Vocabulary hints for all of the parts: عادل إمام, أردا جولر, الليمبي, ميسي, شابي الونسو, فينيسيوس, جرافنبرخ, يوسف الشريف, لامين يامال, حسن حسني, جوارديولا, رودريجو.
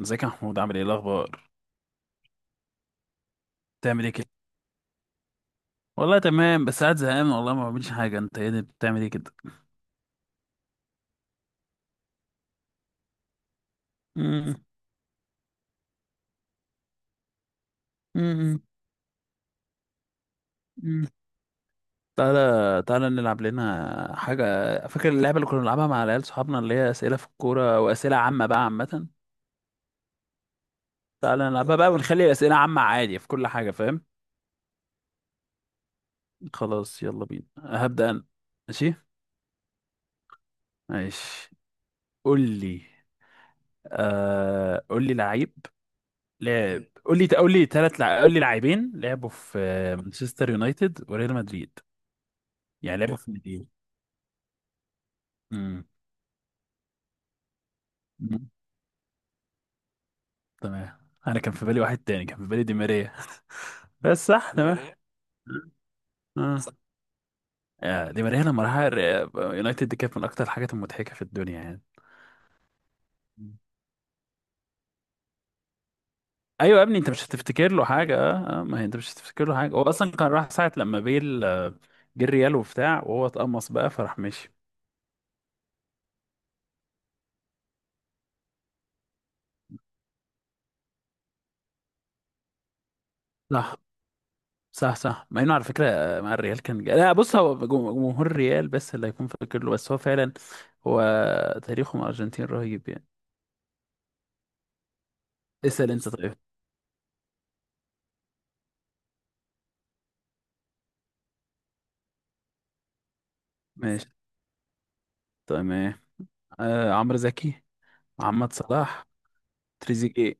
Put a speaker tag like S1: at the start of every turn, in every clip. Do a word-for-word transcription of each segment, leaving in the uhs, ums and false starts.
S1: ازيك يا محمود، عامل ايه؟ إيه الاخبار؟ بتعمل ايه كده؟ والله تمام، بس قاعد زهقان والله، ما بعملش حاجه. انت ايه ده؟ بتعمل ايه كده؟ مم. مم. مم. تعالى تعالى نلعب لنا حاجه. فاكر اللعبه اللي كنا بنلعبها مع العيال صحابنا، اللي هي اسئله في الكوره واسئله عامه بقى، عامه. تعالى نلعبها بقى ونخلي الاسئله عامه عادي في كل حاجه، فاهم؟ خلاص يلا بينا، هبدا انا. ماشي. ماشي. قول لي. آه، قول لي لعيب. لعب قول لي قول لي ثلاث لع... قول لي لاعبين لعبوا في آه، مانشستر يونايتد وريال مدريد. يعني لعبوا في الناديين. امم. أمم. تمام. انا كان في بالي واحد تاني، كان في بالي دي ماريا. بس صح، دي تمام. ماريا. اه، صح. آه، دي ماريا لما راح الر- يونايتد دي، كانت من اكتر الحاجات المضحكه في الدنيا يعني. مم. ايوه يا ابني، انت مش هتفتكر له حاجه. اه آه، ما هي انت مش هتفتكر له حاجه، هو اصلا كان راح ساعه لما بيل آه، جه الريال وبتاع، وهو اتقمص بقى، فراح مشي. صح. صح. صح، مع انه على فكره آه، مع الريال كان جا- لا بص، هو جم- جمهور الريال بس اللي هيكون فاكر له، بس هو فعلا. هو تاريخه مع الارجنتين رهيب يعني. اسال انت، طيب. ماشي، تمام. آه عمرو زكي. محمد صلاح. تريزيجيه.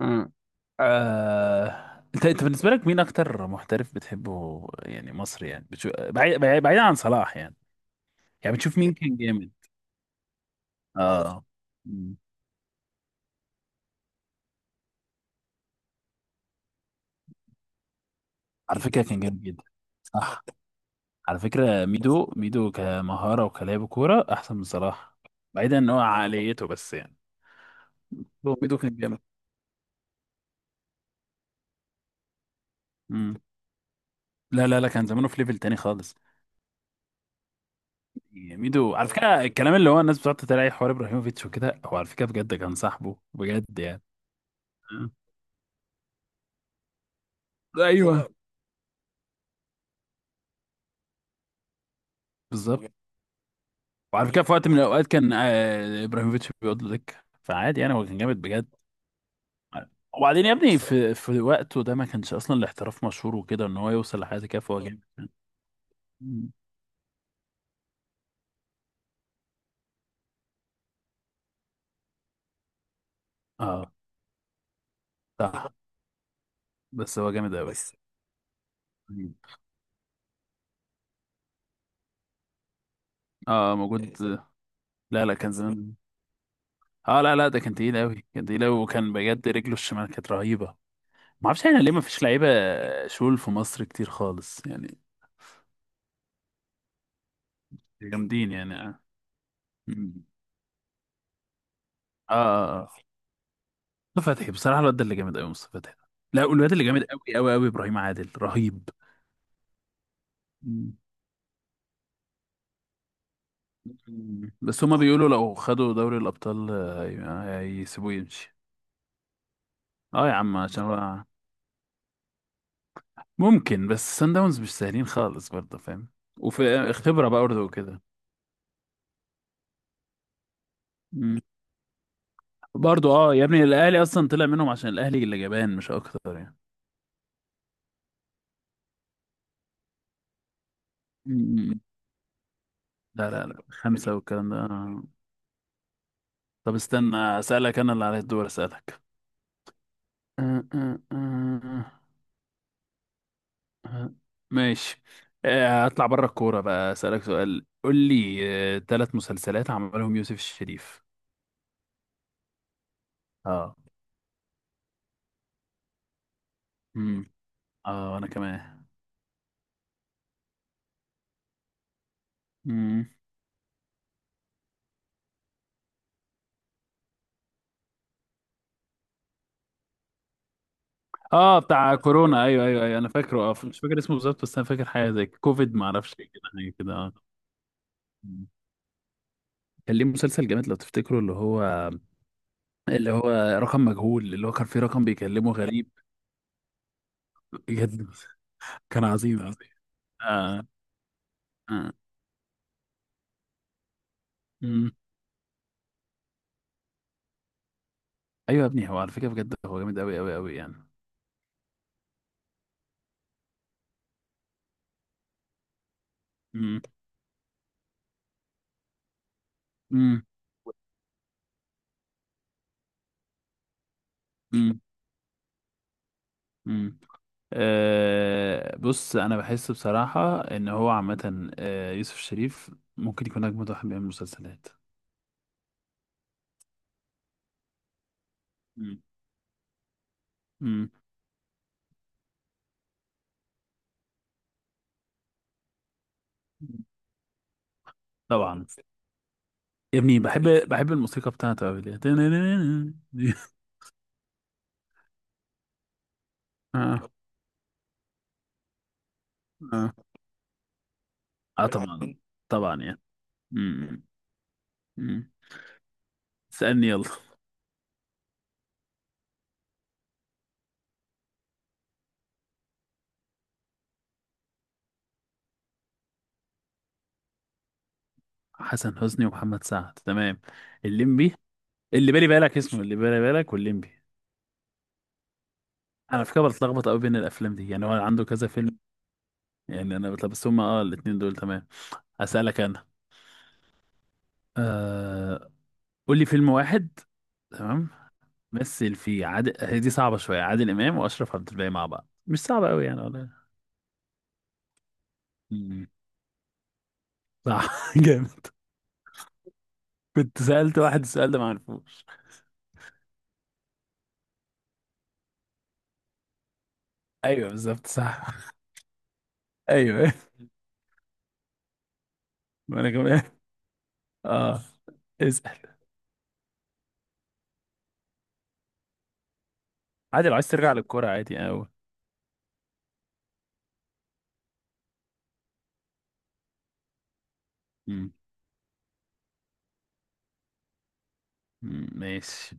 S1: مم. آه... انت انت بالنسبه لك مين اكتر محترف بتحبه يعني، مصري يعني، بتشو... بعيد... بعيد... بعيد عن صلاح يعني. يعني بتشوف مين كان جامد؟ اه. مم. على فكره كان جامد جدا. صح. على فكرة ميدو ميدو كمهارة وكلاعب كورة أحسن من صلاح. بعيدا إن هو عقليته، بس يعني. هو ميدو كان جامد. مم. لا لا لا، كان زمانه في ليفل تاني خالص. ميدو على فكرة، الكلام اللي هو الناس بتقعد تتريق حوار إبراهيموفيتش وكده، هو على فكرة بجد كان صاحبه، بجد يعني. مم. أيوه. بالظبط. وعلى فكرة في وقت من الأوقات كان آه، إبراهيموفيتش بيقعد له دكة، فعادي يعني، هو كان جامد بجد. وبعدين يا ابني، في في وقته ده ما كانش أصلا الاحتراف مشهور وكده، إن هو يوصل لحاجة كده، فهو جامد. مم. اه، صح. بس هو جامد قوي، بس. اه، موجود. لا لا، كان زمان. اه، لا لا، ده كان تقيل قوي، كان تقيل قوي، وكان بجد رجله الشمال كانت رهيبه. ما اعرفش احنا ليه ما فيش لعيبه. شول في مصر كتير خالص يعني. جامدين يعني، اه. مم. اه. آه. آه. مصطفى فتحي، بصراحه الواد ده اللي جامد قوي، مصطفى فتحي. لا، والواد اللي جامد قوي قوي قوي ابراهيم عادل، رهيب. مم. مم. بس هما بيقولوا لو خدوا دوري الابطال، آه، هي- هيسيبوه يمشي. اه يا عم، عشان هو. ممكن، بس سان داونز مش سهلين خالص برضه، فاهم. وفي خبرة برضه وكده. مم. برضه اه يا ابني، الاهلي اصلا طلع منهم عشان الاهلي اللي جبان، مش اكتر يعني. مم. لا لا لا، خمسة والكلام ده آه. طب استنى، اسألك انا اللي على الدور، اسألك. أه، أه، أه، أه. ماشي. آه، هطلع بره الكورة بقى، اسألك سؤال، قول لي. ثلاث مسلسلات عملهم يوسف الشريف. اه. امم. اه، انا كمان. اه، بتاع كورونا، ايوه ايوه ايوه، انا فاكره. اه، مش فاكر اسمه بالظبط، بس انا فاكر حاجه زي كوفيد ما اعرفش، إيه كده، حاجه كده، اه. كان ليه مسلسل جامد لو تفتكروا، اللي هو اللي هو رقم مجهول اللي هو كان فيه رقم بيكلمه غريب. بجد. كان عظيم عظيم. آه. آه. أمم. ايوه يا ابني، هو على فكره بجد هو جامد قوي قوي قوي يعني. أمم. أمم. أمم. أمم. آه. بص انا بحس بصراحه ان هو عامه، آه، يوسف شريف ممكن يكون اجمد واحد بيعمل مسلسلات. أمم. أمم. طبعا. يا ابني، بحب بحب الموسيقى بتاعته قوي دي دي. اه. اه. اه، طبعا طبعا يعني. مم. مم. اسألني يلا. حسن حسني ومحمد سعد، تمام. الليمبي. اللي بالي بالك اسمه اللي بالي بالك، والليمبي. انا على فكره بتلخبط قوي بين الافلام دي، يعني هو عنده كذا فيلم. يعني انا بتلخبط، بس هما اه الاتنين دول تمام. هسألك انا. آه... قول لي فيلم واحد. تمام. مثل فيه عادل هي دي صعبة شوية، عادل إمام وأشرف عبد الباقي مع بعض، مش صعبة قوي يعني. ولا؟ صح، جامد. كنت سألت واحد السؤال ده ما عرفوش. ايوه، بالظبط، صح. ايوه. وانا كمان. اه. اسأل. عادي لو عايز ترجع للكورة، عادي قوي. ماشي.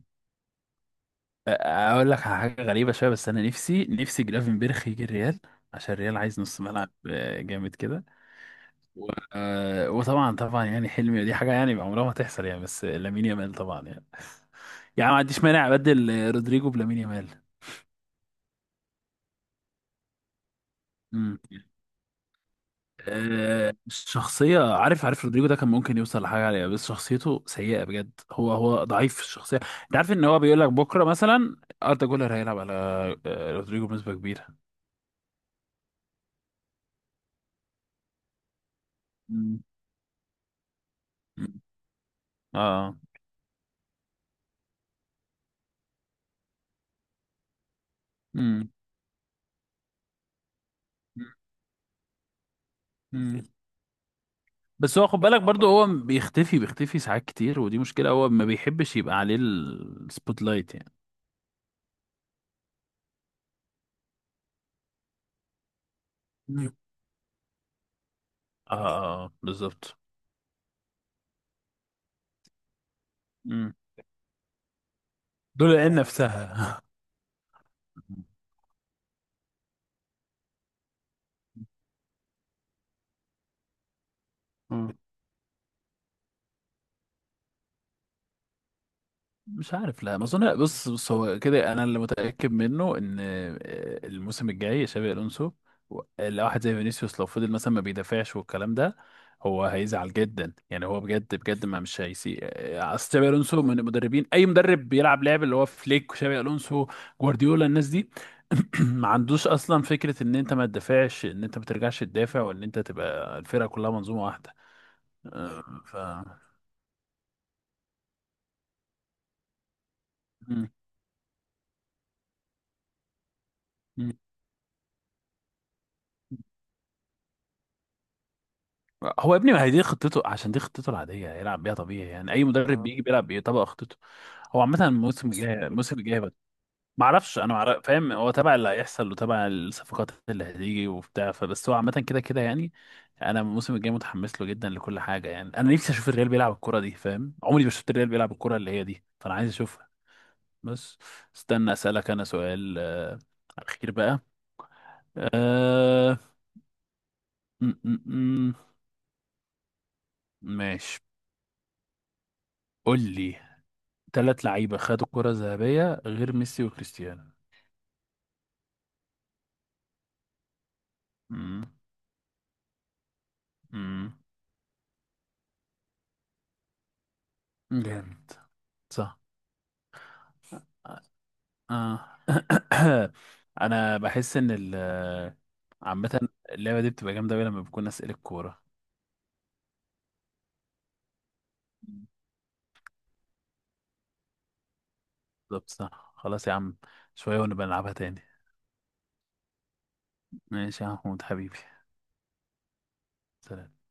S1: أ- اقول لك على حاجة غريبة شوية، بس انا نفسي نفسي جرافنبرخ يجي الريال. عشان الريال عايز نص ملعب، آه، جامد كده. و- آه، وطبعا طبعا يعني حلمي، دي حاجة يعني عمرها ما تحصل يعني، بس لامين يامال طبعا يعني. يعني ما عنديش مانع ابدل رودريجو بلامين. يامال. آه، الشخصية عارف عارف رودريجو ده كان ممكن يوصل لحاجة عليها، بس شخصيته سيئة بجد، هو هو ضعيف في الشخصية. انت عارف ان هو بيقول لك بكرة مثلا؟ اردا جولر هيلعب على آه، رودريجو بنسبة كبيرة. مم. مم. اه. مم. مم. بس هو خد بالك برضو، هو بيختفي بيختفي ساعات كتير، ودي مشكلة، هو ما بيحبش يبقى عليه السبوت لايت يعني. مم. اه، اه، آه، بالظبط. مم. دول العين نفسها. مم. مش عارف، لا ما اظن، بص بص هو كده، انا اللي متاكد منه ان آه، الموسم الجاي شابي الونسو. و- لو واحد زي فينيسيوس لو فضل مثلا ما بيدافعش والكلام ده، هو هيزعل جدا يعني، هو بجد بجد، ما مش هيسي آه، اصل شابي الونسو من المدربين، اي مدرب بيلعب لعب اللي هو فليك وشابي الونسو، جوارديولا، الناس دي. ما عندوش اصلا فكره ان انت ما تدافعش، ان انت ما ترجعش تدافع، وان انت تبقى الفرقه كلها منظومه واحده. آه، ف مم. هو يا ابني، ما هي دي خطته عشان دي خطته العادية هيلعب بيها طبيعي يعني، أي مدرب آه. بيجي بيلعب بيطبق خطته. هو عامة، الموسم الجاي الموسم الجاي بقى. ما اعرفش انا معرف... فاهم، هو تبع اللي هيحصل وتبع الصفقات اللي هتيجي وبتاع، فبس هو عامة كده كده يعني. انا الموسم الجاي متحمس له جدا لكل حاجة يعني، انا نفسي اشوف الريال بيلعب الكرة دي، فاهم، عمري ما شفت الريال بيلعب الكرة اللي هي دي، فانا عايز اشوفها. بس. استنى اسألك انا سؤال آه، اخير بقى. آه... م -م -م. ماشي. قول لي. ثلاث لعيبة خدوا الكرة الذهبية غير ميسي وكريستيانو. امم. امم. جامد. صح. آه. انا بحس ان ال عامة اللعبة دي بتبقى جامدة أوي لما بكون أسئلة الكورة. بالظبط صح، خلاص يا عم. شوية ونبقى نلعبها تاني. ماشي يا محمود حبيبي. سلام.